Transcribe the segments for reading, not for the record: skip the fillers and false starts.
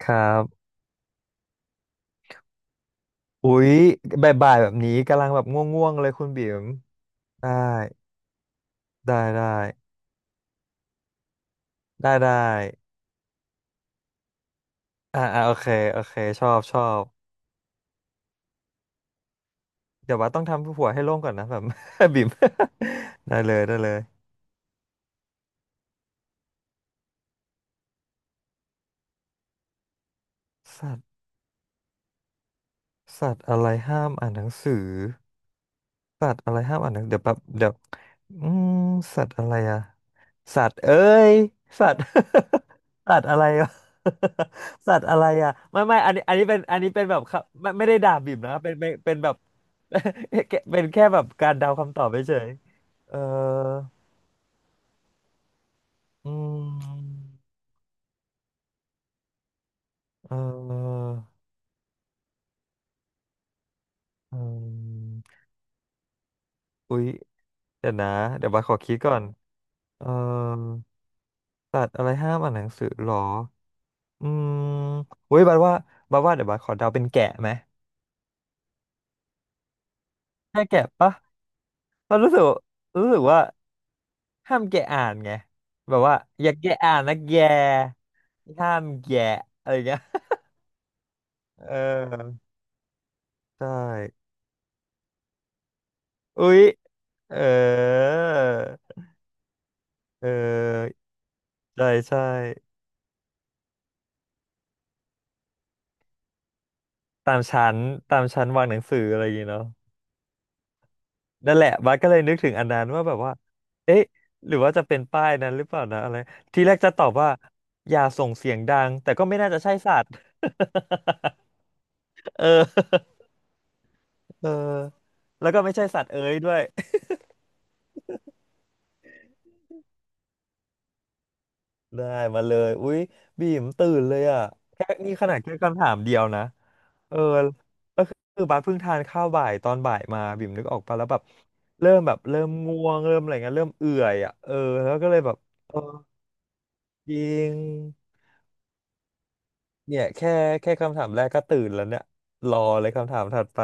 ครับ อุ๊ยบ่ายๆแบบนี้ กำลังแบบง่วงๆเลยคุณบิ๋มได้ ได้ ได้ ได้ ได้โอเค โอเค ชอบ ชอบ เดี๋ยวว่าต้องทำหัวให้โล่งก่อนนะแบบ บิ๋ม ได้เลย ได้เลย สัตว์สัตว์อะไรห้ามอ่านหนังสือ สัตว์อะไรห้ามอ่านหนังเดี๋ยวแป๊บเดี๋ยวอืมสัตว์อะไรอะสัตว์เอ้ยสัตว์ สัตว์อะไรวะ สัตว์อะไรอะไม่อันนี้เป็นแบบครับไม่ได้ด่าบิ่มนะเป็นแบบ เป็นแค่แบบการเดาคำตอบเฉยๆเอออืมเอออืมอุ๊ยเดี๋ยวนะเดี๋ยวบาสขอคิดก่อนเออสัตว์อะไรห้ามอ่านหนังสือหรอ อืมเว้ยบัดว่าบัดว่าเดี๋ยวบัดขอเดาเป็นแกะไหมใช่แกะปะเรารู้สึกรู้สึกว่าห้ามแกะอ่านไงแบบว่าอย่าแกะอ่านนะแกห้ามแกะอะไรอย่างเงี้ย เออใช่อุ๊ยเออเออใช่ใช่ตามชั้นตามชั้นวางหนังสืออะไรอย่างเงี้ยเนาะ นั่นแหละบัสก็เลยนึกถึงอันนั้นว่าแบบว่าเอ๊ะหรือว่าจะเป็นป้ายนั้นหรือเปล่านะอะไรทีแรกจะตอบว่าอย่าส่งเสียงดังแต่ก็ไม่น่าจะใช่สัตว์ เออเออแล้วก็ไม่ใช่สัตว์เอ้ยด้วย ได้มาเลยอุ๊ยบีมตื่นเลยอ่ะแค่นี่ขนาดแค่คำถามเดียวนะเออก็คือบัสเพิ่งทานข้าวบ่ายตอนบ่ายมาบิ่มนึกออกปะแล้วแบบเริ่มง่วงเริ่มอะไรเงี้ยเริ่มเอื่อยอ่ะเออแล้วก็เลยแบบเออจริง เนี่ยแค่แค่คำถามแรกก็ตื่นแล้วเนี่ยรอเลยคำถามถัดไป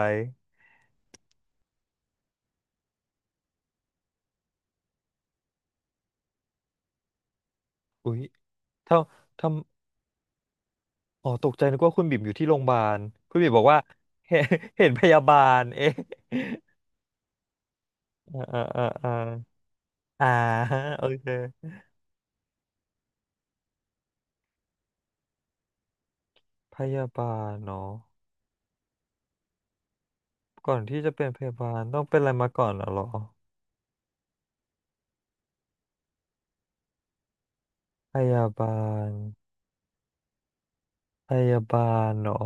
อุ๊ยถ้าทำอ๋อตกใจนึกว่าคุณบิ่มอยู่ที่โรงพยาบาลคุณบิ่มบอกว่า เห็นเห็นพยาบาลเอ๊ะ อ่าอ่าอ่าอ่าอ่า โอเคพยาบาลเนาะก่อนที่จะเป็นพยาบาลต้องเป็นอะไรมาก่อนเหรอพยาบาลพยาบาลเนาะ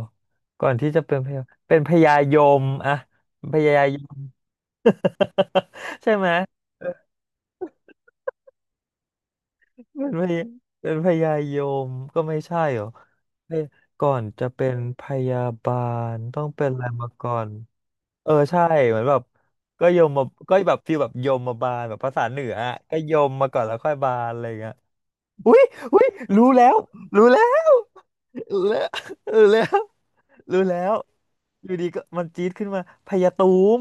ก่อนที่จะเป็นพยาเป็นพยายมอะพยายม ใช่ไหม เป็นพยเป็นพยายมก็ไม่ใช่หรอเอ้ยก่อนจะเป็นพยาบาลต้องเป็นอะไรมาก่อน เออใช่เหมือนแบบก็ยมมาก็แบบฟีลแบบยมมาบาลแบบภาษาเหนืออะก็ยมมาก่อนแล้วค่อยบาลอะไรอย่างเงี้ยอุ้ยอุ้ยรู้แล้วรู้แล้วรู้แล้วรู้แล้วรู้แล้วอยู่ดีก็มันจี๊ดขึ้นมาพยาตูม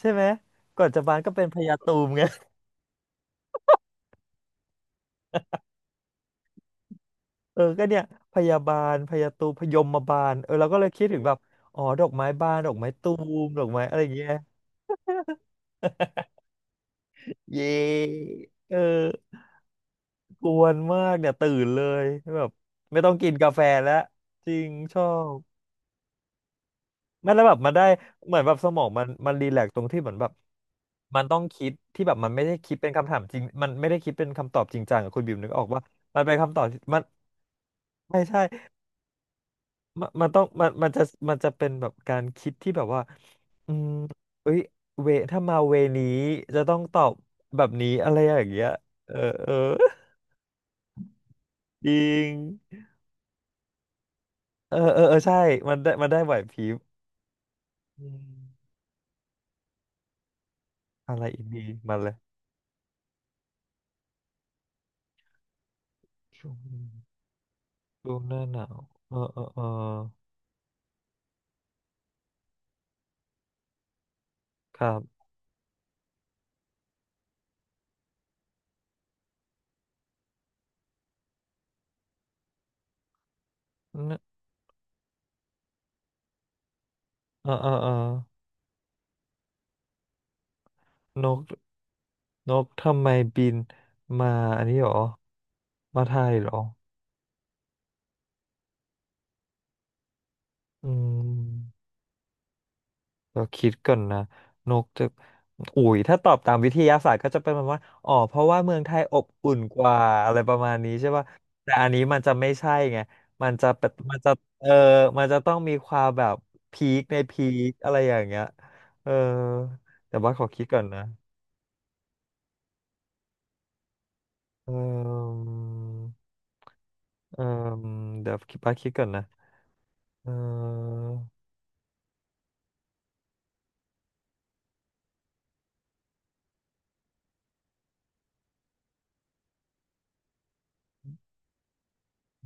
ใช่ไหมก่อนจะบาลก็เป็นพยาตูมไง เออก็เนี่ยพยาบาลพยาตูพยมบาลเออเราก็เลยคิดถึงแบบอ๋อดอกไม้บานดอกไม้ตูมดอกไม้อะไรอย่างเงี้ยเย้เออกวนมากเนี่ยตื่นเลยแบบไม่ต้องกินกาแฟแล้วจริงชอบไม่แล้วแบบมันได้เหมือนแบบสมองมันรีแลกซ์ตรงที่เหมือนแบบมันต้องคิดที่แบบมันไม่ได้คิดเป็นคำถามจริงมันไม่ได้คิดเป็นคำตอบจริงจังอะคุณบิวนึกออกว่ามันเป็นคำตอบที่มันไม่ใช่ มันมันต้องมันมันจะมันเป็นแบบการคิดที่แบบว่า อืมเอ้ยเว ถ้ามาเวนี้จะต้องตอบแบบนี้อะไรอย่างเงี้ย เออเออจริงเออใช่ มันได้ไหวพริบอืมอะไรอีกดีมาเลยช่วงช่วงหน้าหนาวเออ ครับเนเออนกนกทำไมบินมาอันนี้หรอ มาไทยหรออืม เราคิดก่อนนะนกจะอุ๋ยถ้าตอบตามวิทยาศาสตร์ก็จะเป็นประมาณว่าอ๋อเพราะว่าเมืองไทยอบอุ่นกว่าอะไรประมาณนี้ใช่ป่ะแต่อันนี้มันจะไม่ใช่ไงมันจะเป็นมันจะเออมันจะต้องมีความแบบพีคในพีคอะไรอย่างเงี้ยเออแต่ว่าขอคิดก่อนนะเออเออเดี๋ยวคิดบ้าคิดก่อนนะเออ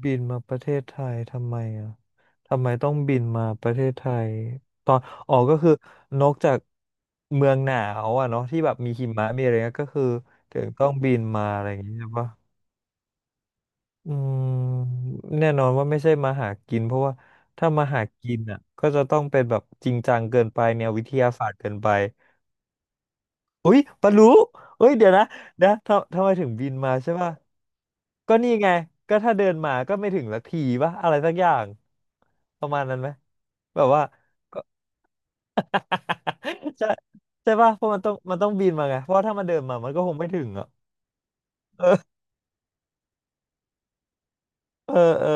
บินมาประเทศไทยทำไมอ่ะทำไมต้องบินมาประเทศไทยตอนออกก็คือนอกจากเมืองหนาวอ่ะเนาะที่แบบมีหิมะมีอะไรเงี้ยก็คือถึงต้องบินมาอะไรอย่างเงี้ยใช่ปะอืมแน่นอนว่าไม่ใช่มาหากินเพราะว่าถ้ามาหากินอ่ะก็จะต้องเป็นแบบจริงจังเกินไปแนววิทยาศาสตร์เกินไป อุ้ยปะรู้เอ้ยเดี๋ยวนะนะทำไมถึงบินมาใช่ป่ะก็นี่ไงก็ถ้าเดินมาก็ไม่ถึงสักทีป่ะอะไรสักอย่างประมาณนั้นไหมแบบว่าก็ ใช่ใช่ป่ะเพราะมันต้องบินมาไงเพราะว่าถ้ามันเดินมามันก็คงไม่ถึงอ่ะเออเออ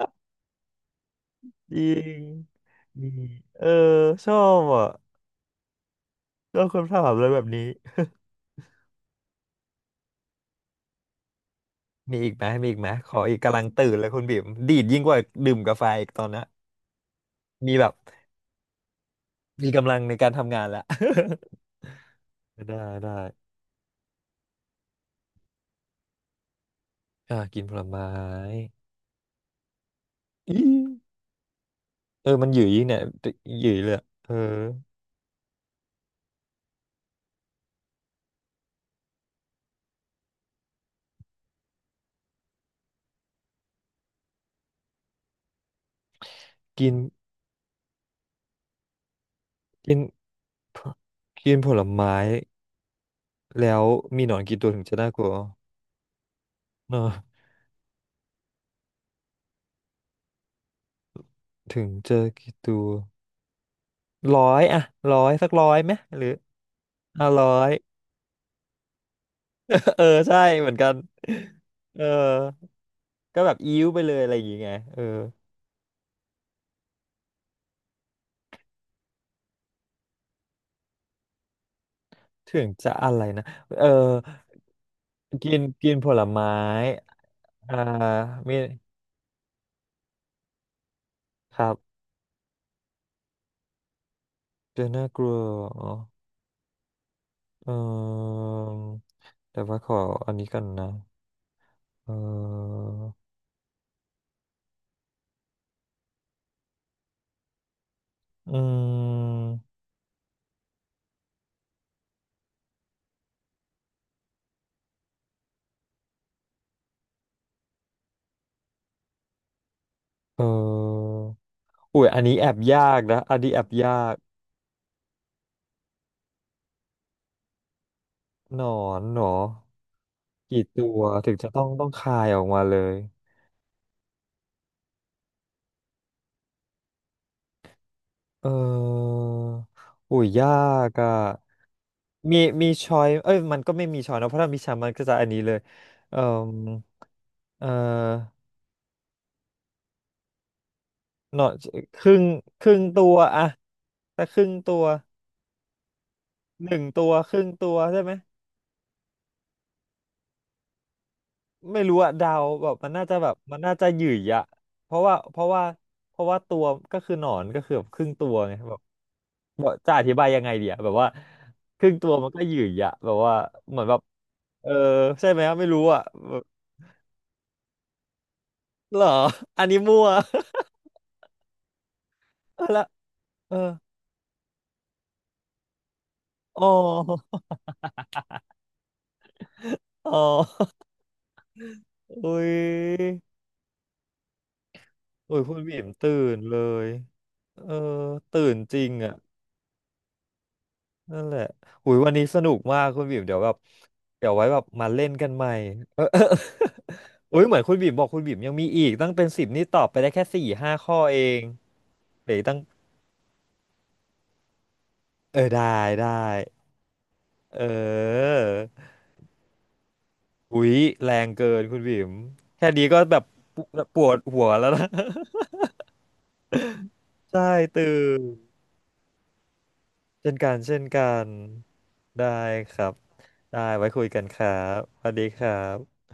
จริงมีเออชอบอ่ะชอบคำถามอะไรแบบนี้มีอีกไหมมีอีกไหมขออีกกำลังตื่นเลยคุณบิ่มดีดยิ่งกว่าดื่มกาแฟอีกตอนนะมีแบบ มีกำลังในการทำงานแล้ว ได้ได้อ่ากินผลไม้อีเออมันหยืยเนี่ยหยืยเลยอะเออกินกินผกินผลไม้แล้วมีหนอนกี่ตัวถึงจะน่ากลัวเนอะถึงเจอกี่ตัวร้อยอะร้อยสักร้อยไหมหรือ500 เออใช่เหมือนกันเออก็แบบอิ้วไปเลยอะไรอย่างเงี้ยเออถึงจะอะไรนะเออ กินกินผลไม้อ่ามีครับเจอน่ากลัวอ๋อเออแต่ว่าขออันนี้ก่อนนะเอออืมเอออุ้ยอันนี้แอบยากนะอันนี้แอบยากหนอนกี่ตัวถึงจะต้องคายออกมาเลยเอออุ้ยยากอ่ะ มีมีชอยเอ้ยมันก็ไม่มีชอยนะเพราะถ้ามีชอยมันก็จะอันนี้เลยเอ่อเอ่อหนอครึ่งครึ่งตัวอะถ้าครึ่งตัวหนึ่งตัวครึ่งตัวใช่ไหมไม่รู้อะเดาแบบมันน่าจะแบบมันน่าจะหยื่ยอะเพราะว่าเพราะว่าเพราะว่าตัวก็คือหนอนก็คือแบบครึ่งตัวไงแบบจะอธิบายยังไงดีอะแบบว่าครึ่งตัวมันก็หยื่ยอะแบบว่าเหมือนแบบเออใช่ไหมไม่รู้อะแบบเหรออันนี้มั่ว เอาละเออ อ๋อ อ๋ออุ้ยอุ้ยคุณบีมตื่นเลยเออตื่นจริงอ่ะนั่นแหละอุ้ยวันนี้สนุกมากคุณบีมเดี๋ยวแบบเดี๋ยวไว้แบบมาเล่นกันใหม่เออ อุ้ยเหมือนคุณบีมบอกคุณบีมยังมีอีกตั้งเป็นสิบนี่ตอบไปได้แค่สี่ห้าข้อเองเดี๋ยวอีกตั้งเออได้ได้เอออุ้ยแรงเกินคุณบีมแค่นี้ก็แบบปวปวดหัวแล้วนะ ใช่ตื่น เช่นกันเช่นกันได้ครับได้ไว้คุยกันครับสวัสดีครับ